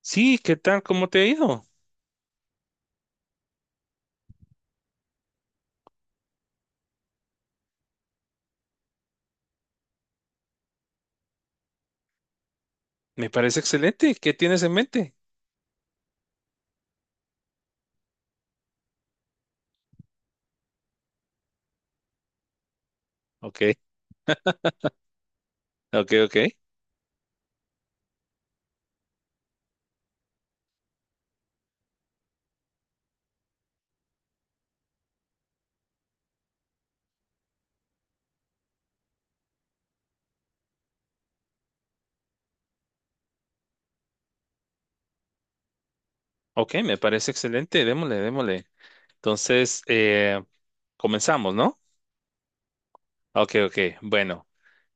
Sí, ¿qué tal? ¿Cómo te ha ido? Me parece excelente. ¿Qué tienes en mente? Ok, ok, ok. Ok, me parece excelente. Démosle, démosle. Entonces, comenzamos, ¿no? Ok, ok. Bueno,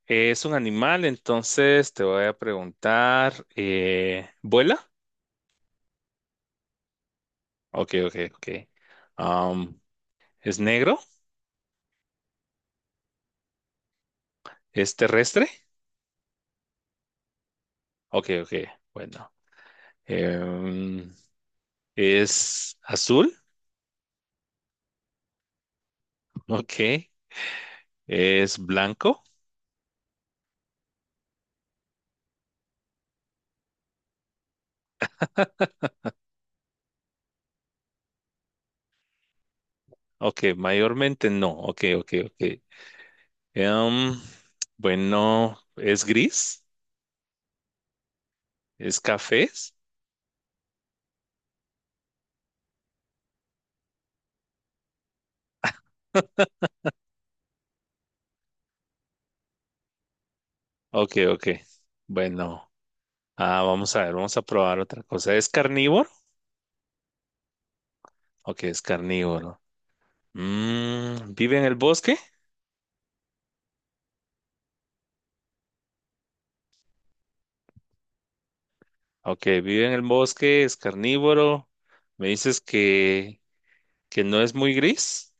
es un animal, entonces te voy a preguntar, ¿vuela? Ok, ok, ok. Am, ¿Es negro? ¿Es terrestre? Ok, ok. Bueno. Em, ¿Es azul? Ok. ¿Es blanco? Ok, mayormente no. Ok, ok, ok. Em, bueno, ¿es gris? ¿Es café? Ok, ok. Bueno, vamos a ver, vamos a probar otra cosa. ¿Es carnívoro? Ok, es carnívoro. Mm, ¿vive en el bosque? Ok, vive en el bosque, es carnívoro. Me dices que no es muy gris.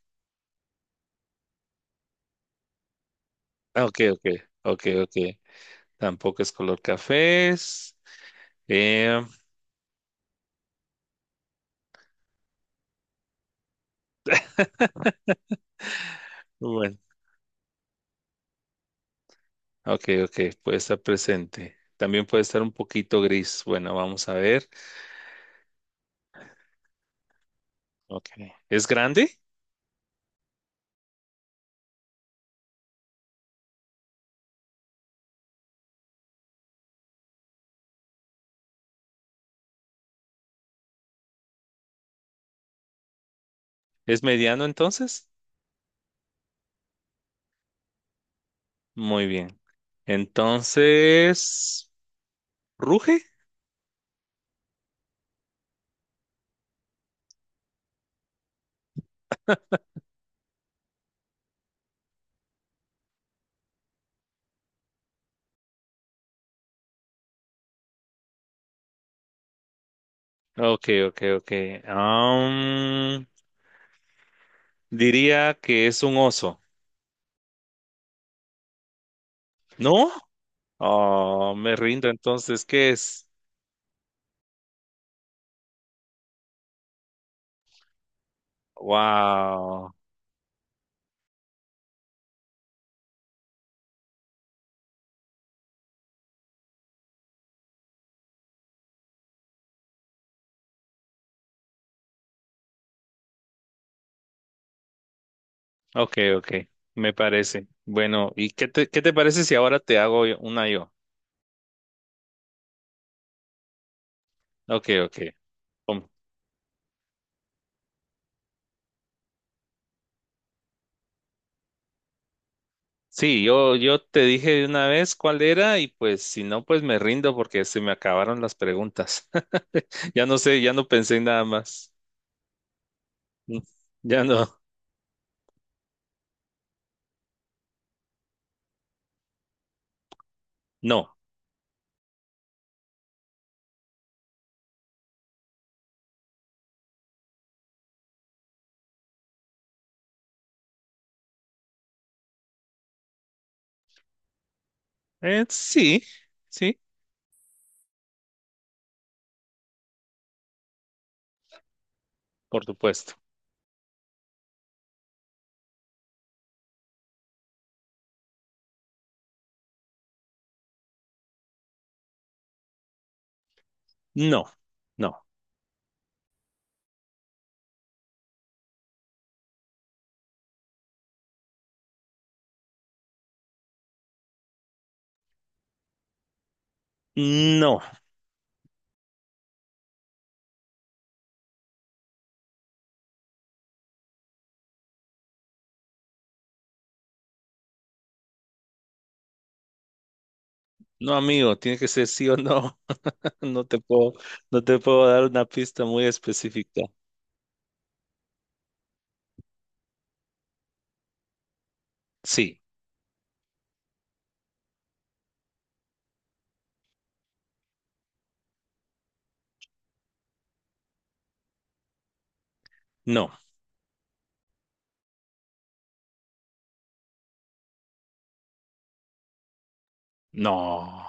Ah, ok, ok, ok, ok. Tampoco es color café. Eh, Ok, ok, puede estar presente. También puede estar un poquito gris. Bueno, vamos a ver. Ok. ¿Es grande? ¿Es mediano entonces? Muy bien. Entonces, ¿ruge? Ok, ok, ok. Am, diría que es un oso. ¿No? Oh, me rindo entonces. ¿Qué es? Wow. Ok, ok. Me parece. Bueno, ¿y qué te parece si ahora te hago yo- una yo? Ok, ok. Sí, yo te dije de una vez cuál era y pues si no, pues me rindo porque se me acabaron las preguntas. Ya no sé, ya no pensé en nada más. Mm, ya no. No. Sí, sí, por supuesto. No, no, no. No, amigo, tiene que ser sí o no. No te puedo, no te puedo dar una pista muy específica. Sí, no, no.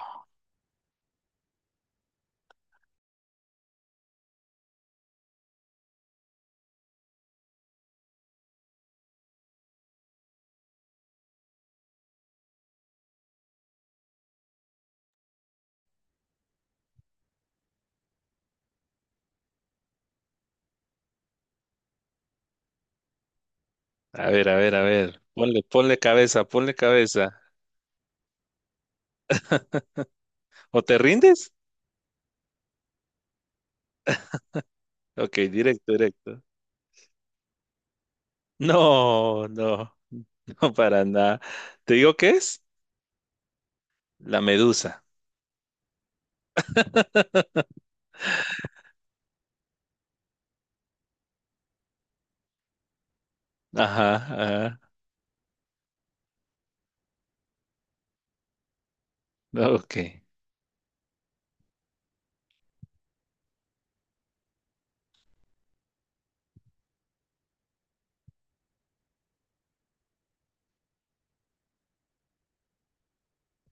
A ver, a ver, a ver. Ponle, ponle cabeza, ponle cabeza. ¿O te rindes? Ok, directo, directo. No, no, no para nada. ¿Te digo qué es? La medusa. Ajá, ajá. Ok,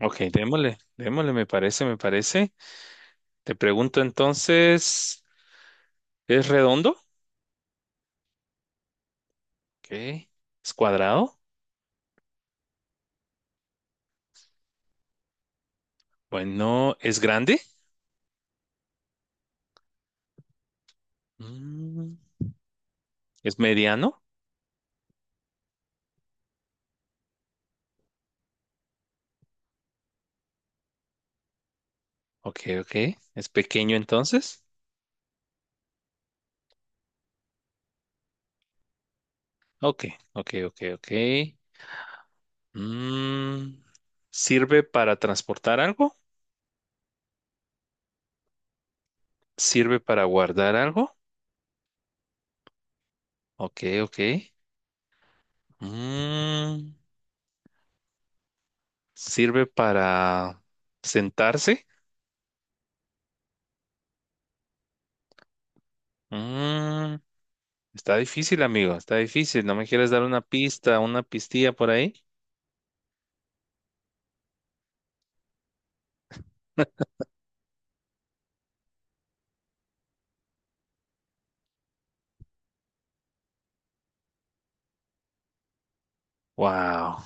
ok, démosle, démosle, me parece, me parece. Te pregunto entonces, ¿es redondo? Ok. ¿Es cuadrado? Bueno, ¿es grande? Mm, ¿es mediano? Ok, ok. ¿Es pequeño entonces? Ok, ok, ok, ok. Mm, ¿sirve para transportar algo? ¿Sirve para guardar algo? Ok, ok. Mm, sirve para sentarse. Mm, está difícil, amigo. Está difícil. ¿No me quieres dar una pista, una pistilla por ahí? Wow.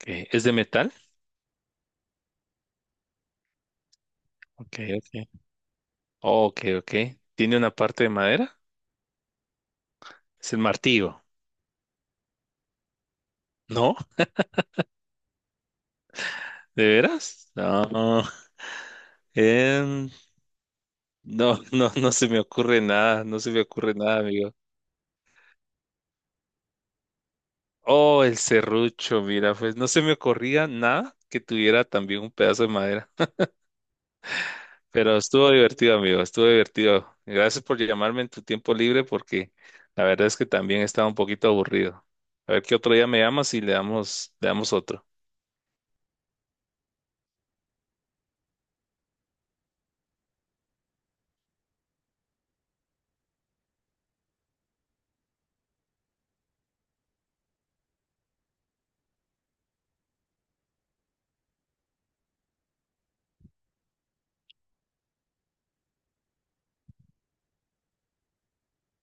Okay. ¿Es de metal? Ok, ok. Ok, ok. ¿Tiene una parte de madera? Es el martillo. ¿No? ¿De veras? No. Em, no, no, no se me ocurre nada. No se me ocurre nada, amigo. Oh, el serrucho, mira, pues no se me ocurría nada que tuviera también un pedazo de madera. Pero estuvo divertido, amigo, estuvo divertido. Gracias por llamarme en tu tiempo libre porque la verdad es que también estaba un poquito aburrido. A ver qué otro día me llamas y le damos otro.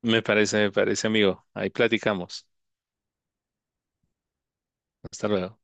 Me parece, amigo. Ahí platicamos. Hasta luego.